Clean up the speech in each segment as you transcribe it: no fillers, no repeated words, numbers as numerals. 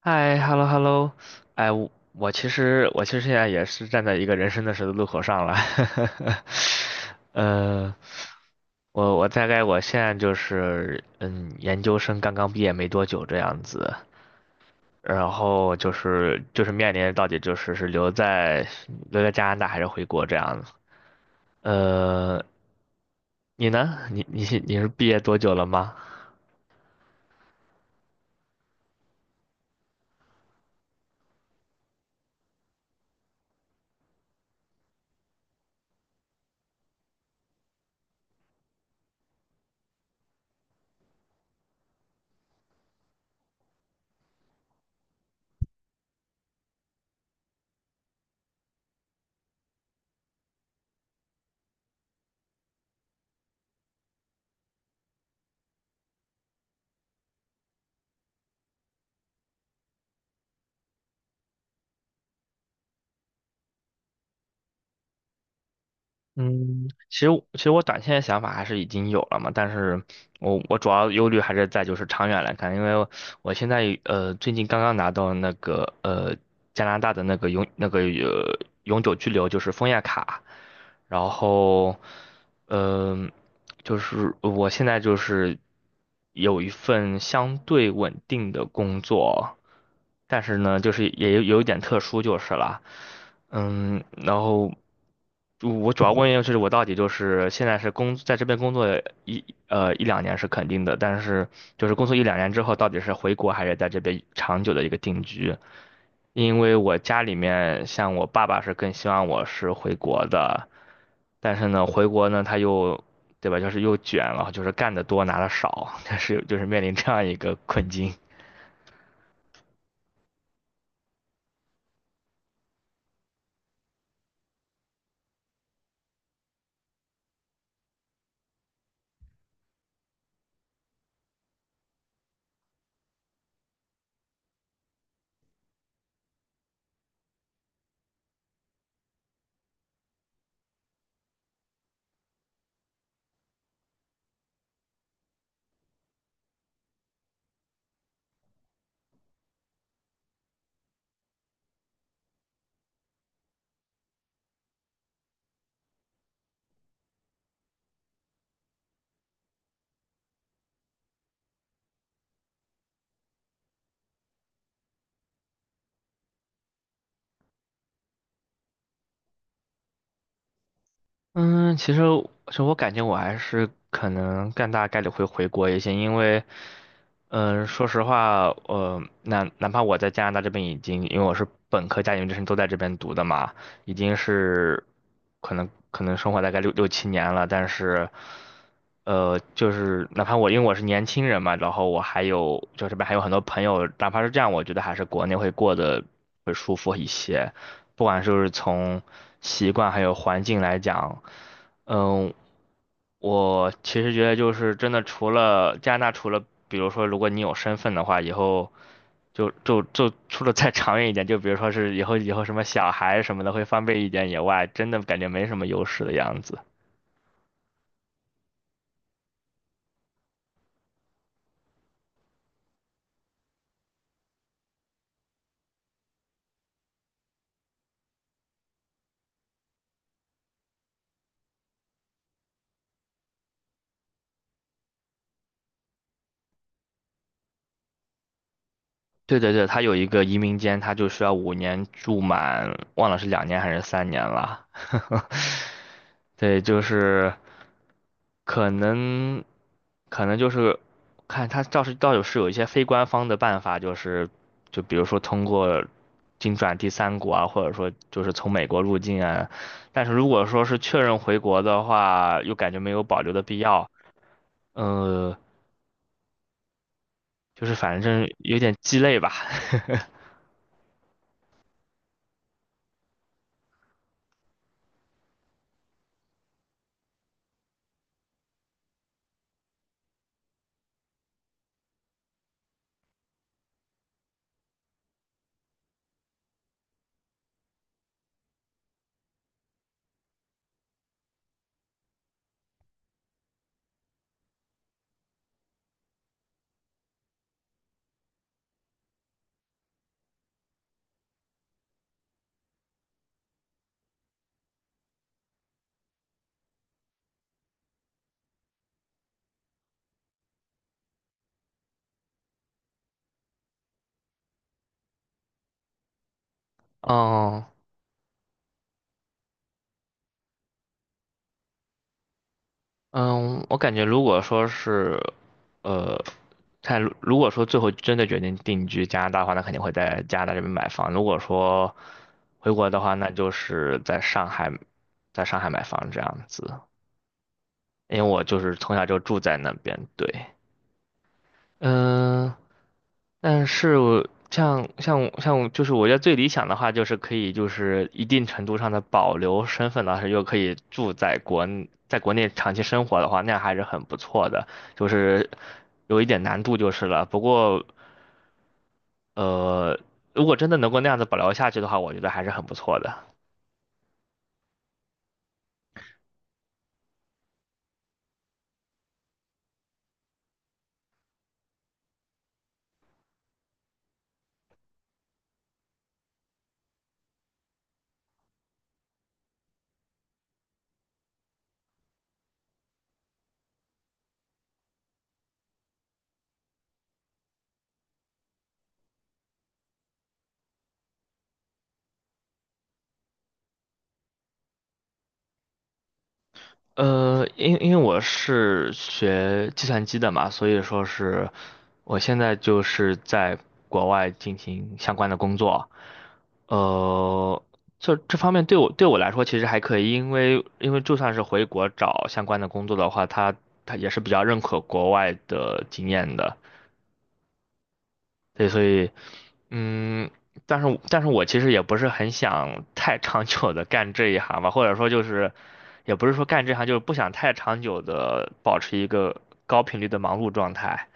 嗨，hello hello，我其实现在也是站在一个人生的十字路口上了，呃，我我大概我现在就是,研究生刚刚毕业没多久这样子，然后就是面临到底是留在加拿大还是回国这样子，呃，你呢？你是毕业多久了吗？嗯，其实我短线的想法还是已经有了嘛，但是我主要忧虑还是在就是长远来看，因为我现在最近刚刚拿到那个加拿大的那个永久居留就是枫叶卡，然后，嗯、就是我现在就是有一份相对稳定的工作，但是呢，就是也有一点特殊就是了，嗯，然后就我主要问的就是我到底就是现在是在这边工作一两年是肯定的，但是就是工作一两年之后到底是回国还是在这边长久的一个定居，因为我家里面像我爸爸是更希望我是回国的，但是呢，回国呢他又，对吧，就是又卷了，就是干得多拿的少，但是就是面临这样一个困境。嗯，其实我感觉我还是可能更大概率会回国一些，因为。嗯，说实话，那哪怕我在加拿大这边已经，因为我是本科加研究生都在这边读的嘛，已经是可能生活大概六七年了，但是，就是哪怕我因为我是年轻人嘛，然后我还有就这边还有很多朋友，哪怕是这样，我觉得还是国内会过得会舒服一些，不管就是从习惯还有环境来讲。嗯，我其实觉得就是真的，除了加拿大，除了比如说，如果你有身份的话，以后就除了再 长远一点，就比如说是以后什么小孩什么的会方便一点以外，真的感觉没什么优势的样子。对对对，他有一个移民监，他就需要五年住满，忘了是两年还是三年了。对，就是可能，可能就是看他倒是有一些非官方的办法，就是就比如说通过经转第三国啊，或者说就是从美国入境啊。但是如果说是确认回国的话，又感觉没有保留的必要，呃，就是反正有点鸡肋吧。哦，嗯，我感觉如果说是，呃，看如果说最后真的决定定居加拿大的话，那肯定会在加拿大这边买房。如果说回国的话，那就是在上海，买房这样子。因为我就是从小就住在那边，对，嗯，但是我像像像我就是我觉得最理想的话，就是可以就是一定程度上的保留身份，但是又可以住在国内长期生活的话，那样还是很不错的。就是有一点难度就是了，不过呃，如果真的能够那样子保留下去的话，我觉得还是很不错的。因为我是学计算机的嘛，所以说是我现在就是在国外进行相关的工作。呃，这方面对我来说其实还可以，因为就算是回国找相关的工作的话，他也是比较认可国外的经验的，对，所以嗯，但是我其实也不是很想太长久的干这一行吧，或者说就是也不是说干这行，就是不想太长久的保持一个高频率的忙碌状态。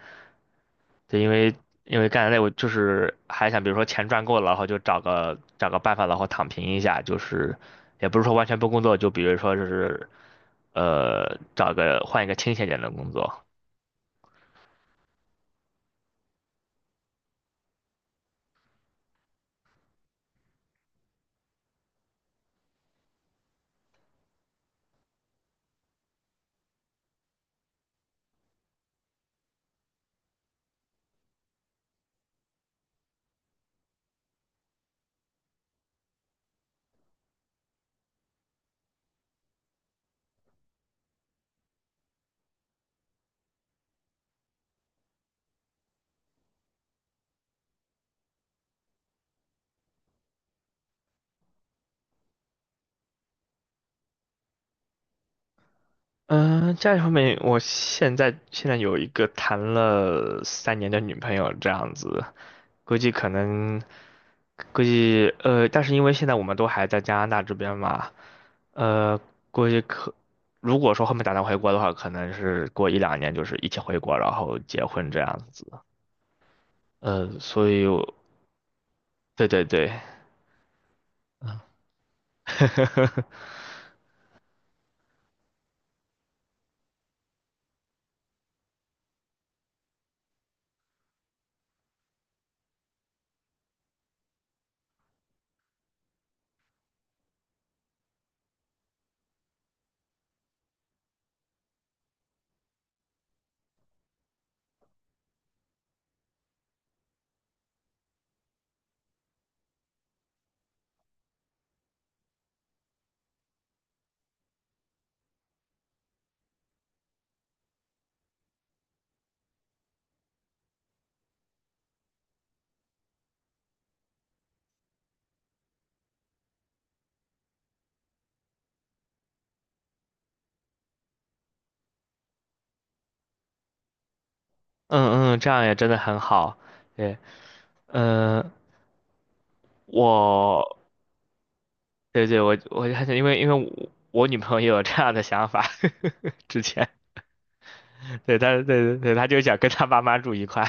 对，因为干得累，我就是还想，比如说钱赚够了，然后就找个办法，然后躺平一下，就是也不是说完全不工作，就比如说就是换一个清闲点的工作。嗯、家里方面，我现在有一个谈了三年的女朋友，这样子，估计可能但是因为现在我们都还在加拿大这边嘛，呃，估计可，如果说后面打算回国的话，可能是过一两年就是一起回国，然后结婚这样子。所以我，对对对，嗯嗯，这样也真的很好。对，嗯、呃，我，对对，我我还想因为我我女朋友也有这样的想法，之前，对，她她就想跟她爸妈住一块。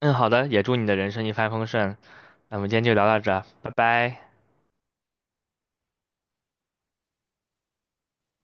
嗯，好的，也祝你的人生一帆风顺。那我们今天就聊到这儿拜拜。